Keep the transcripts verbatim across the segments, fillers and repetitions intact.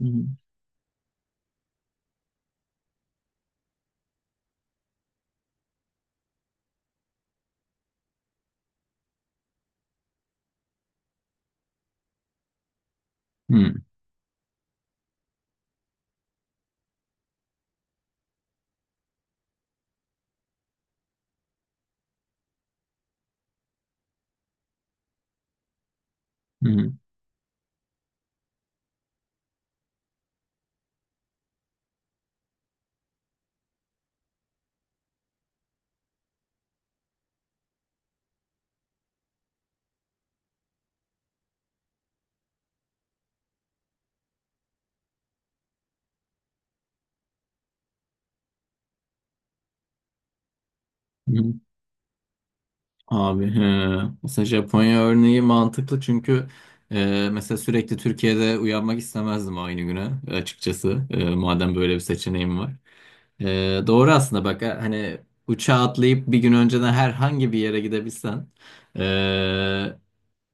Hı hı. Hı hı. Hı. Abi he. Mesela Japonya örneği mantıklı çünkü e, mesela sürekli Türkiye'de uyanmak istemezdim aynı güne açıkçası. E, madem böyle bir seçeneğim var. E, doğru aslında bak, e, hani uçağa atlayıp bir gün önceden herhangi bir yere gidebilsen, e,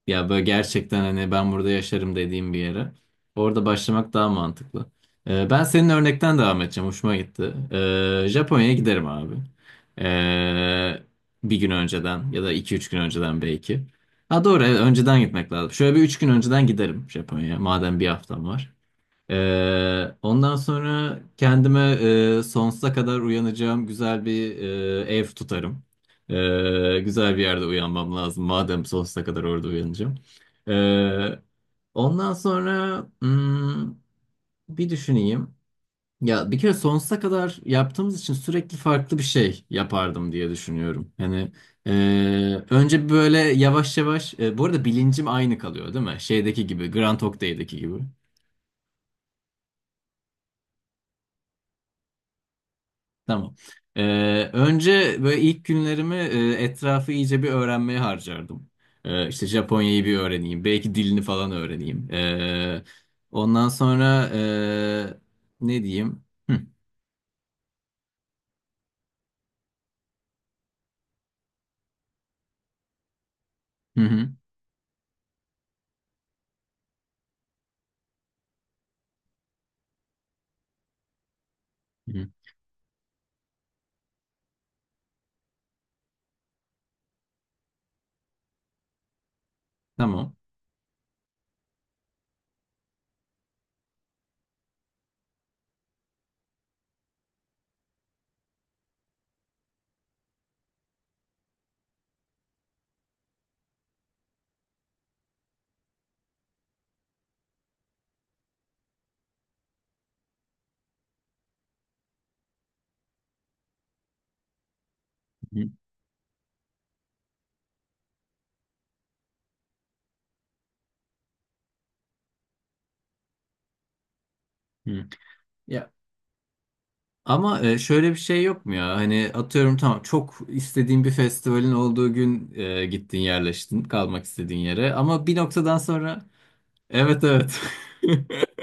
ya böyle gerçekten, hani ben burada yaşarım dediğim bir yere. Orada başlamak daha mantıklı. Ee, ben senin örnekten devam edeceğim. Hoşuma gitti. Ee, Japonya'ya giderim abi. Ee, Bir gün önceden ya da iki üç gün önceden belki. Ha doğru, evet, önceden gitmek lazım. Şöyle bir üç gün önceden giderim Japonya'ya, madem bir haftam var. Ee, ondan sonra kendime e, sonsuza kadar uyanacağım güzel bir e, ev tutarım. Ee, güzel bir yerde uyanmam lazım. Madem sonsuza kadar orada uyanacağım. Ee, Ondan sonra hmm, bir düşüneyim. Ya bir kere sonsuza kadar yaptığımız için sürekli farklı bir şey yapardım diye düşünüyorum. Hani, e, önce böyle yavaş yavaş. E, bu arada bilincim aynı kalıyor, değil mi? Şeydeki gibi, Grand Hotel'deki gibi. Tamam. Ee, önce böyle ilk günlerimi e, etrafı iyice bir öğrenmeye harcardım. Ee, işte Japonya'yı bir öğreneyim. Belki dilini falan öğreneyim. Ee, ondan sonra, e, ne diyeyim? Hı, hı, hı, hı. Tamam. Hı, hı. Ya ama, e, şöyle bir şey yok mu ya? Hani atıyorum, tamam, çok istediğin bir festivalin olduğu gün e, gittin, yerleştin kalmak istediğin yere. Ama bir noktadan sonra evet, evet.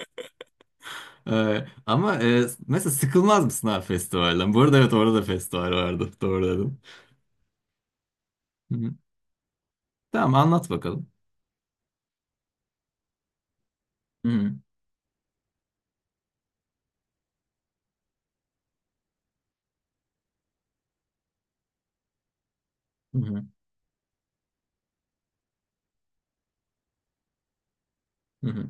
Ee, ama, e, mesela sıkılmaz mısın abi festivalden? Bu arada evet, orada da festival vardı. Doğru dedim. Hı hı. Tamam, anlat bakalım. Hı hı. Hı hı. Hı hı.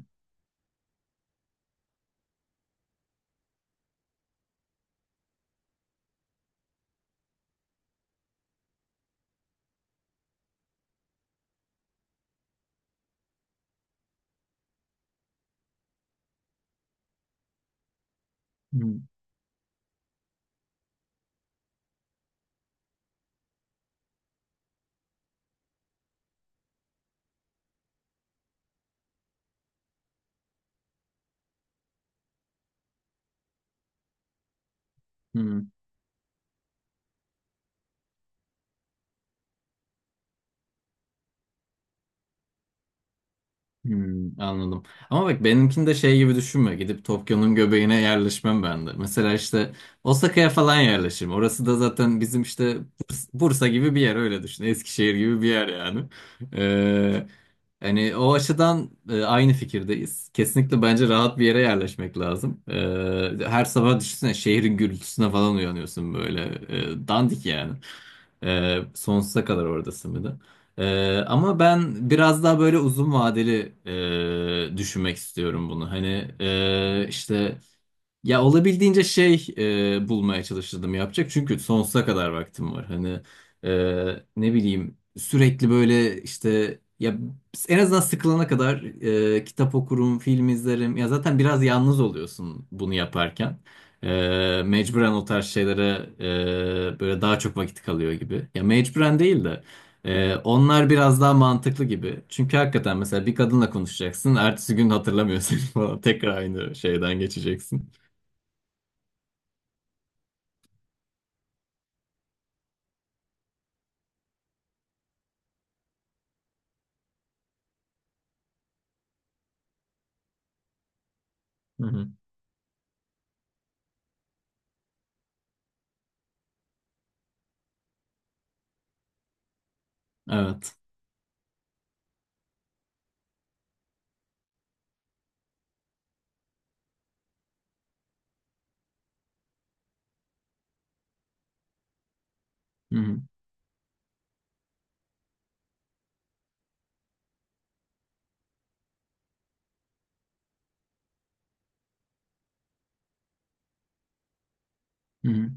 Hı hı. Hmm, anladım. Ama bak, benimkini de şey gibi düşünme. Gidip Tokyo'nun göbeğine yerleşmem ben de. Mesela işte Osaka'ya falan yerleşirim. Orası da zaten bizim işte Burs- Bursa gibi bir yer, öyle düşün. Eskişehir gibi bir yer yani. Ee, Hani o açıdan, e, aynı fikirdeyiz. Kesinlikle bence rahat bir yere yerleşmek lazım. Ee, her sabah düşünsene, şehrin gürültüsüne falan uyanıyorsun böyle. Ee, dandik yani. Ee, sonsuza kadar oradasın bir de. Ee, ama ben biraz daha böyle uzun vadeli e, düşünmek istiyorum bunu. Hani, e, işte. Ya olabildiğince şey, e, bulmaya çalışırdım yapacak. Çünkü sonsuza kadar vaktim var. Hani, e, ne bileyim, sürekli böyle işte, ya en azından sıkılana kadar e, kitap okurum, film izlerim. Ya zaten biraz yalnız oluyorsun bunu yaparken. E, mecburen o tarz şeylere e, böyle daha çok vakit kalıyor gibi. Ya mecburen değil de, e, onlar biraz daha mantıklı gibi. Çünkü hakikaten mesela bir kadınla konuşacaksın. Ertesi gün hatırlamıyorsun falan. Tekrar aynı şeyden geçeceksin. Hı hı. Evet. Hı hı. Hı hı.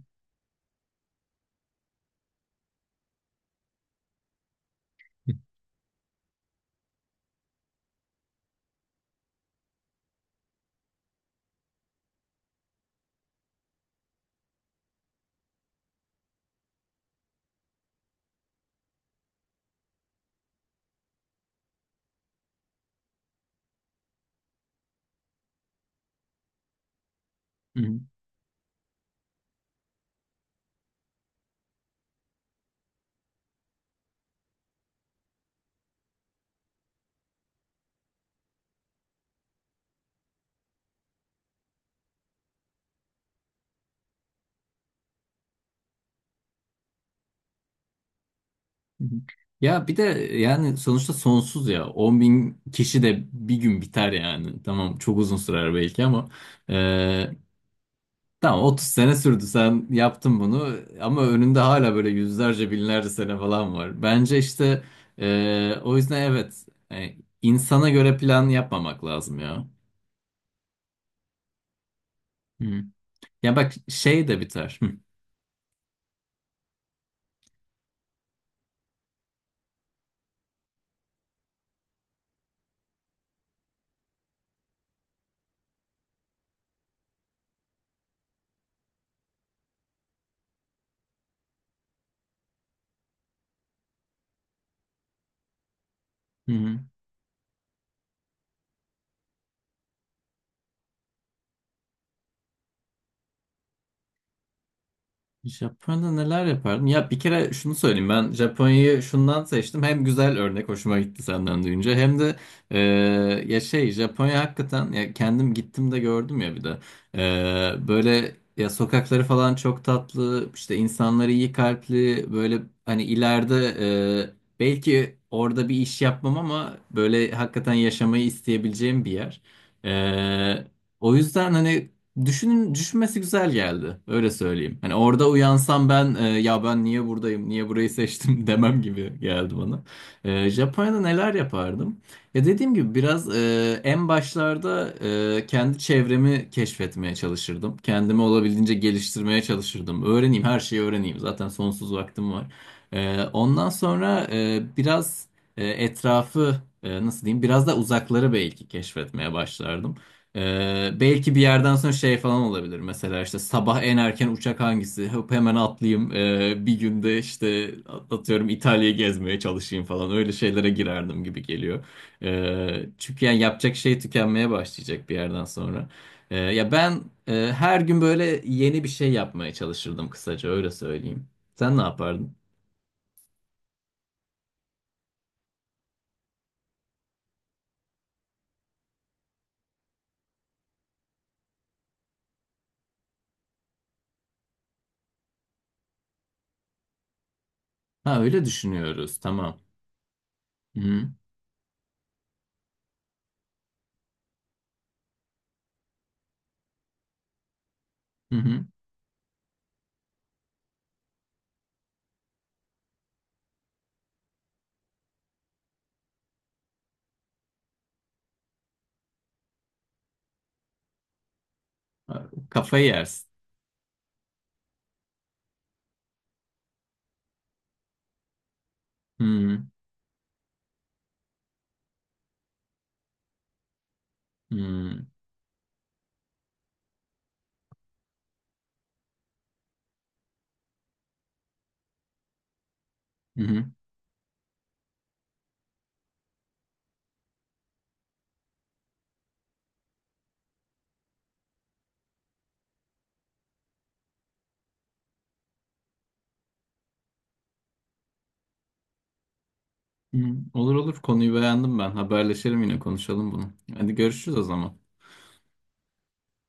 Hı hı. Hı hı. Ya bir de yani sonuçta sonsuz ya. on bin kişi de bir gün biter yani. Tamam, çok uzun sürer belki ama, e, tamam otuz sene sürdü, sen yaptın bunu ama önünde hala böyle yüzlerce binlerce sene falan var. Bence işte e, o yüzden evet, e, insana göre plan yapmamak lazım ya. Hı. Ya bak, şey de biter. Hı. Hı hı. Japonya'da neler yapardım? Ya bir kere şunu söyleyeyim, ben Japonya'yı şundan seçtim. Hem güzel örnek hoşuma gitti senden duyunca, hem de e, ya şey, Japonya hakikaten, ya kendim gittim de gördüm, ya bir de E, böyle ya, sokakları falan çok tatlı, işte insanları iyi kalpli, böyle hani ileride e, belki orada bir iş yapmam, ama böyle hakikaten yaşamayı isteyebileceğim bir yer. E, O yüzden hani, düşünün, düşünmesi güzel geldi. Öyle söyleyeyim. Hani orada uyansam ben, e, ya ben niye buradayım, niye burayı seçtim demem gibi geldi bana. E, Japonya'da neler yapardım? Ya dediğim gibi biraz, e, en başlarda e, kendi çevremi keşfetmeye çalışırdım. Kendimi olabildiğince geliştirmeye çalışırdım. Öğreneyim, her şeyi öğreneyim. Zaten sonsuz vaktim var. E, ondan sonra, e, biraz e, etrafı, e, nasıl diyeyim, biraz da uzakları belki keşfetmeye başlardım. Ee, belki bir yerden sonra şey falan olabilir. Mesela işte sabah en erken uçak hangisi? Hop, hemen atlayayım. Ee, bir günde işte at- atıyorum İtalya'yı gezmeye çalışayım falan. Öyle şeylere girerdim gibi geliyor. Ee, çünkü yani yapacak şey tükenmeye başlayacak bir yerden sonra. Ee, ya ben, e, her gün böyle yeni bir şey yapmaya çalışırdım, kısaca öyle söyleyeyim. Sen ne yapardın? Ha, öyle düşünüyoruz. Tamam. Hı hı. Hı hı. Kafayı yersin. Hı hı. Hı hı. Hı. Olur, olur, konuyu beğendim ben. Haberleşelim, yine konuşalım bunu. Hadi görüşürüz o zaman.